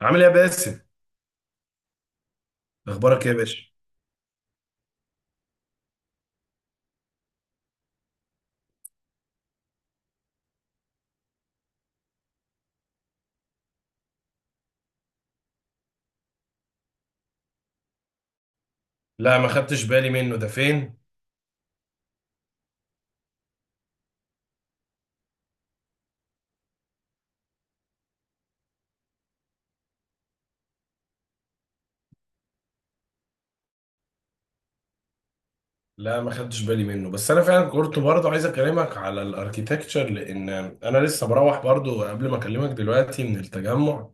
عامل ايه يا باسم؟ اخبارك ايه يا باشا؟ لا ما خدتش بالي منه، ده فين؟ لا ما خدتش بالي منه، بس انا فعلا كنت برضه عايز اكلمك على الاركيتكتشر، لان انا لسه مروح برضه قبل ما اكلمك دلوقتي من التجمع،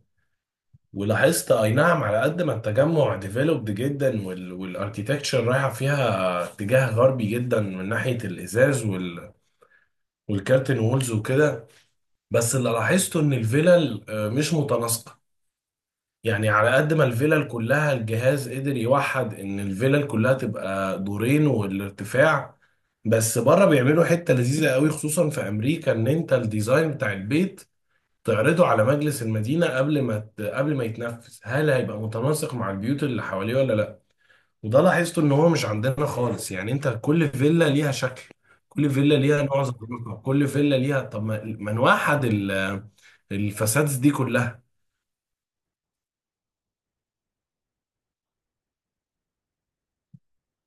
ولاحظت اي نعم على قد ما التجمع ديفلوبد جدا والاركيتكتشر رايحه فيها اتجاه غربي جدا، من ناحيه الازاز والكارتن وولز وكده. بس اللي لاحظته ان الفيلل مش متناسقه. يعني على قد ما الفيلل كلها الجهاز قدر يوحد ان الفيلل كلها تبقى دورين والارتفاع، بس بره بيعملوا حتة لذيذة قوي خصوصا في امريكا، ان انت الديزاين بتاع البيت تعرضه على مجلس المدينة قبل ما يتنفذ، هل هيبقى متناسق مع البيوت اللي حواليه ولا لا. وده لاحظته ان هو مش عندنا خالص، يعني انت كل فيلا ليها شكل، كل فيلا ليها نوع زخرفة، كل فيلا ليها، طب ما نوحد الفسادس دي كلها.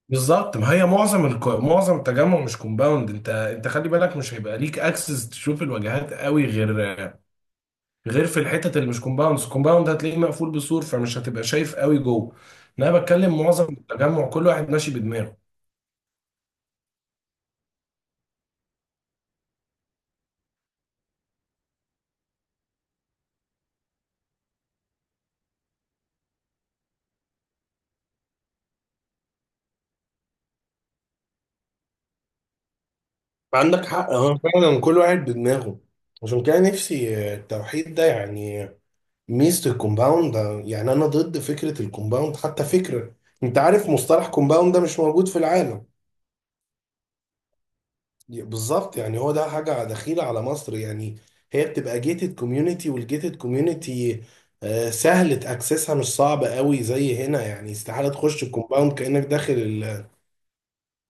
بالظبط، ما هي معظم التجمع مش كومباوند، انت خلي بالك مش هيبقى ليك اكسس تشوف الواجهات قوي، غير في الحتت اللي مش كومباوند. الكومباوند هتلاقيه مقفول بسور، فمش هتبقى شايف قوي جوه. انا بتكلم معظم التجمع كل واحد ماشي بدماغه. عندك حق، اه فعلا كل واحد بدماغه. عشان كده نفسي التوحيد ده، يعني ميزة الكومباوند ده. يعني أنا ضد فكرة الكومباوند، حتى فكرة، أنت عارف مصطلح كومباوند ده مش موجود في العالم. بالظبط، يعني هو ده حاجة دخيلة على مصر يعني. هي بتبقى جيتد كوميونتي، والجيتد كوميونتي سهل تأكسسها، مش صعب قوي زي هنا، يعني استحالة تخش الكومباوند كأنك داخل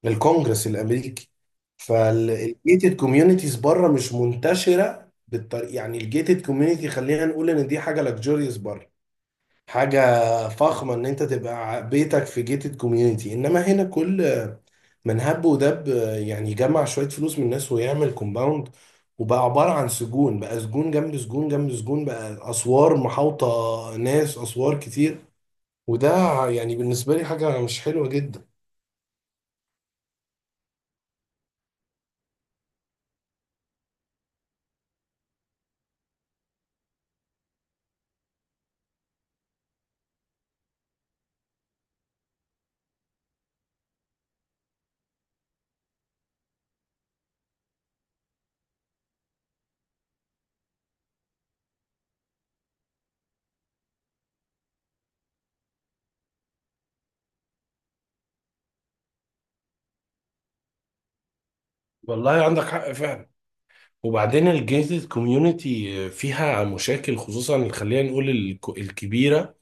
الكونجرس الأمريكي. فالجيتد كوميونيتيز بره مش منتشرة بالطريقة، يعني الجيتد كوميونتي خلينا نقول إن دي حاجة لكجوريوس بره. حاجة فخمة ان انت تبقى بيتك في جيتد كوميونيتي، انما هنا كل من هب ودب يعني يجمع شوية فلوس من الناس ويعمل كومباوند. وبقى عبارة عن سجون، بقى سجون جنب سجون جنب سجون، بقى اسوار محاوطة ناس، اسوار كتير. وده يعني بالنسبة لي حاجة مش حلوة جدا. والله عندك حق فعلا. وبعدين الجيتد كوميونيتي فيها مشاكل، خصوصا خلينا نقول الكبيرة،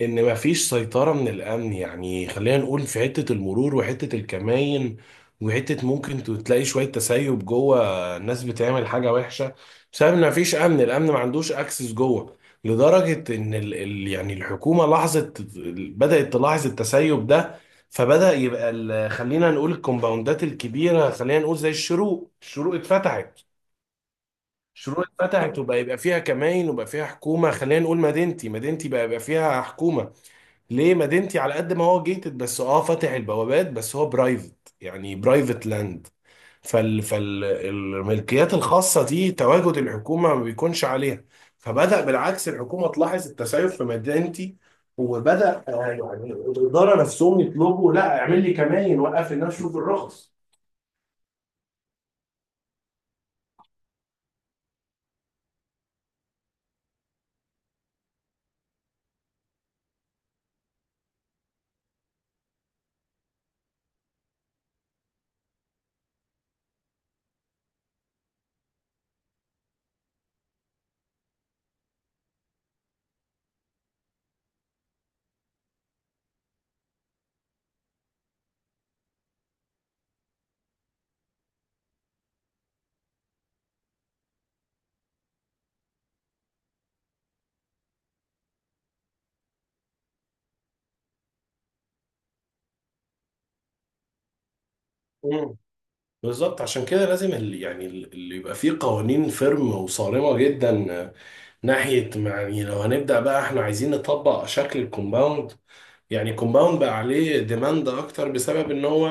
ان مفيش سيطرة من الامن، يعني خلينا نقول في حتة المرور وحتة الكماين، وحتة ممكن تلاقي شوية تسيب جوه، الناس بتعمل حاجة وحشة بسبب ان مفيش امن. الامن ما عندوش اكسس جوه، لدرجة ان ال يعني الحكومة لاحظت، بدأت تلاحظ التسيب ده. فبدأ يبقى خلينا نقول الكومباوندات الكبيرة، خلينا نقول زي الشروق. الشروق اتفتحت وبقى يبقى فيها كماين وبقى فيها حكومة. خلينا نقول مدينتي، مدينتي بقى يبقى فيها حكومة. ليه؟ مدينتي على قد ما هو جيتد، بس اه فاتح البوابات، بس هو برايفت، يعني برايفت لاند. فالملكيات الخاصة دي تواجد الحكومة ما بيكونش عليها. فبدأ بالعكس الحكومة تلاحظ التسيب في مدينتي، وبدأ يعني الإدارة نفسهم يطلبوا، لا اعمل لي كمان، وقف لي الناس، شوف الرخص. مم. بالظبط، عشان كده لازم يعني اللي يبقى فيه قوانين فيرم وصارمة جدا. ناحية يعني لو هنبدأ بقى احنا عايزين نطبق شكل الكومباوند. يعني كومباوند بقى عليه ديماند اكتر بسبب ان هو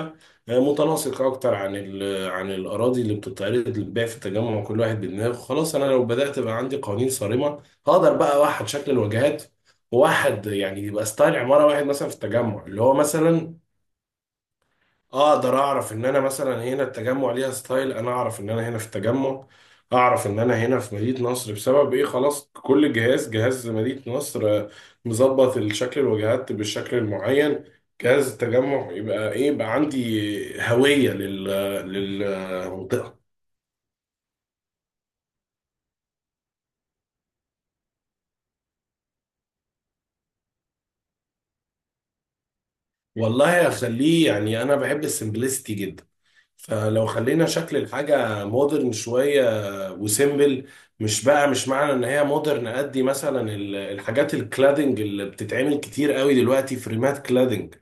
متناسق اكتر عن عن الاراضي اللي بتتعرض للبيع في التجمع، كل واحد بدماغه. خلاص انا لو بدات بقى عندي قوانين صارمه هقدر بقى اوحد شكل الواجهات واحد، يعني يبقى ستايل عماره واحد مثلا في التجمع اللي هو مثلا اقدر اعرف ان انا مثلا هنا التجمع ليها ستايل، انا اعرف ان انا هنا في التجمع، اعرف ان انا هنا في مدينة نصر بسبب ايه. خلاص كل جهاز، جهاز مدينة نصر مظبط الشكل الواجهات بالشكل المعين، جهاز التجمع يبقى ايه، يبقى عندي هوية للمنطقة. والله هخليه، يعني انا بحب السمبلسيتي جدا، فلو خلينا شكل الحاجة مودرن شوية وسيمبل. مش بقى مش معنى ان هي مودرن قد مثلا الحاجات الكلادنج اللي بتتعمل كتير قوي دلوقتي، فريمات كلادنج،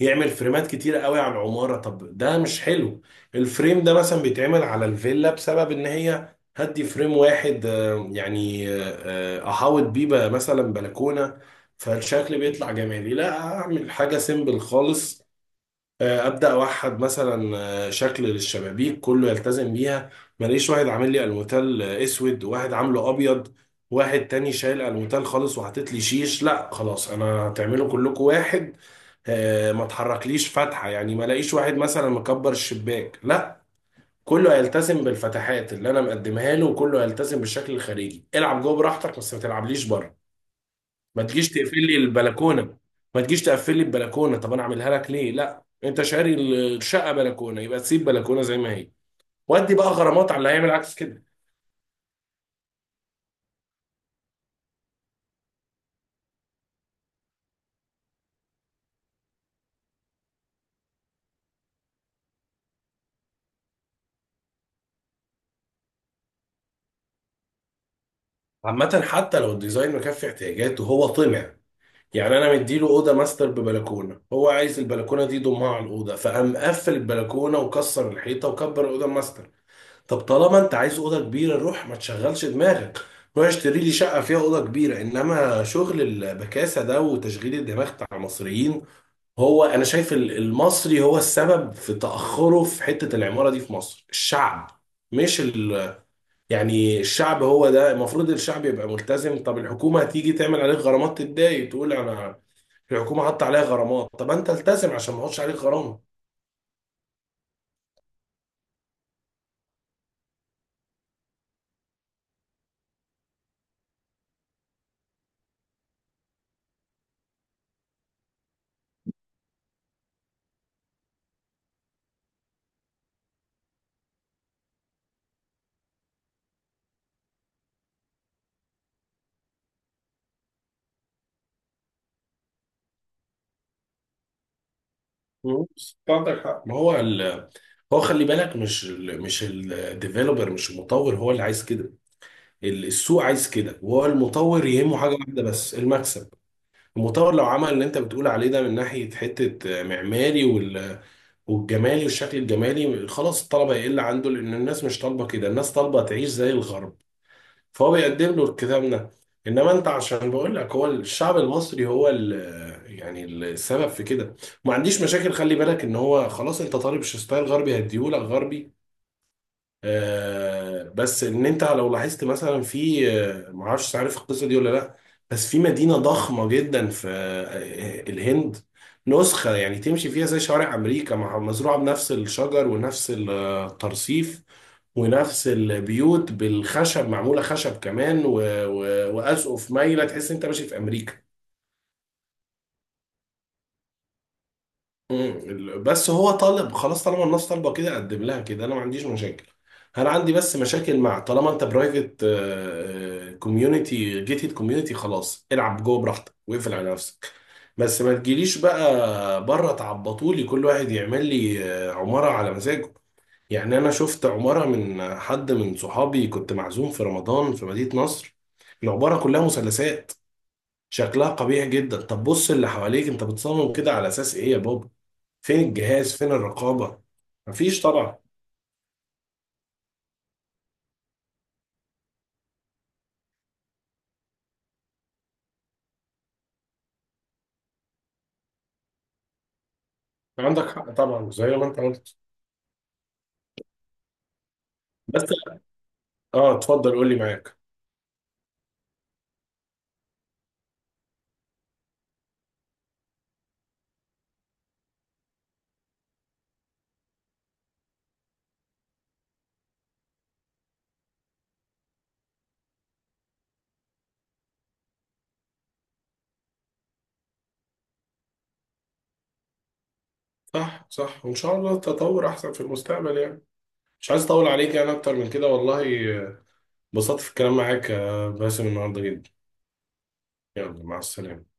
يعمل فريمات كتير قوي على العمارة. طب ده مش حلو. الفريم ده مثلا بيتعمل على الفيلا بسبب ان هي هدي فريم واحد، احاوط بيه بقى مثلا بلكونة. فالشكل بيطلع جمالي. لا اعمل حاجة سيمبل خالص. ابدا اوحد مثلا شكل للشبابيك كله يلتزم بيها. ماليش واحد عامل لي الموتال اسود وواحد عامله ابيض، واحد تاني شايل الموتال خالص وحاطط لي شيش. لا خلاص، انا هتعملوا كلكم واحد. ما تحركليش فتحه، يعني ما الاقيش واحد مثلا مكبر الشباك. لا، كله هيلتزم بالفتحات اللي انا مقدمها له، وكله هيلتزم بالشكل الخارجي. العب جوه براحتك بس ما تلعبليش بره. ما تجيش تقفل لي البلكونه، ما تجيش تقفل لي البلكونه، طب انا اعملها لك ليه؟ لا انت شاري الشقه بلكونه، يبقى تسيب بلكونه زي ما هي. ودي بقى غرامات على اللي هيعمل عكس كده. عامه حتى لو الديزاين مكفي احتياجاته، هو طمع. يعني انا مديله اوضه ماستر ببلكونه، هو عايز البلكونه دي يضمها على الاوضه، فقام مقفل البلكونه وكسر الحيطه وكبر الاوضه ماستر. طب طالما انت عايز اوضه كبيره، روح ما تشغلش دماغك، روح اشتري لي شقه فيها اوضه كبيره، انما شغل البكاسه ده وتشغيل الدماغ بتاع المصريين. هو انا شايف المصري هو السبب في تاخره في حته العماره دي في مصر، الشعب، مش ال... يعني الشعب هو ده المفروض، الشعب يبقى ملتزم. طب الحكومه هتيجي تعمل عليك غرامات، تتضايق تقول انا الحكومه حاطه عليا غرامات. طب انت التزم عشان ما احطش عليك غرامه. مم. عندك حق. ما هو ال... هو خلي بالك مش الديفيلوبر، مش المطور هو اللي عايز كده. السوق عايز كده، وهو المطور يهمه حاجه واحده بس، المكسب. المطور لو عمل اللي انت بتقول عليه ده من ناحية حتة معماري والجمالي والشكل الجمالي، خلاص الطلبة هيقل عنده، لأن الناس مش طالبة كده، الناس طالبة تعيش زي الغرب، فهو بيقدم له الكتاب ده. إنما أنت عشان بقول لك هو الشعب المصري هو ال، يعني السبب في كده. ما عنديش مشاكل، خلي بالك إن هو خلاص أنت طالب ستايل غربي، هديهولك غربي. بس ان انت لو لاحظت مثلا في، معرفش عارف القصه دي ولا لا، بس في مدينه ضخمه جدا في الهند، نسخه يعني تمشي فيها زي شوارع امريكا، مزروعه بنفس الشجر ونفس الترصيف ونفس البيوت بالخشب، معموله خشب كمان واسقف مايله، تحس انت ماشي في امريكا. مم. بس هو طالب، خلاص طالما الناس طالبه كده اقدم لها كده، انا ما عنديش مشاكل. انا عندي بس مشاكل مع، طالما انت برايفت كوميونتي، جيتد كوميونتي، خلاص العب جوه براحتك واقفل على نفسك. بس ما تجيليش بقى بره تعبطولي كل واحد يعمل لي عماره على مزاجه. يعني انا شفت عماره من حد من صحابي كنت معزوم في رمضان في مدينه نصر، العباره كلها مثلثات، شكلها قبيح جدا. طب بص اللي حواليك، انت بتصمم كده على اساس ايه يا بابا؟ فين الجهاز؟ فين الرقابة؟ مفيش طبعا. عندك حق طبعا زي ما انت قلت. بس اه اتفضل قول لي، معاك. صح صح، وان شاء الله تطور احسن في المستقبل يعني. مش عايز اطول عليك يعني اكتر من كده والله. آه، انبسطت في الكلام معاك باسم النهارده جدا. يلا مع السلامة.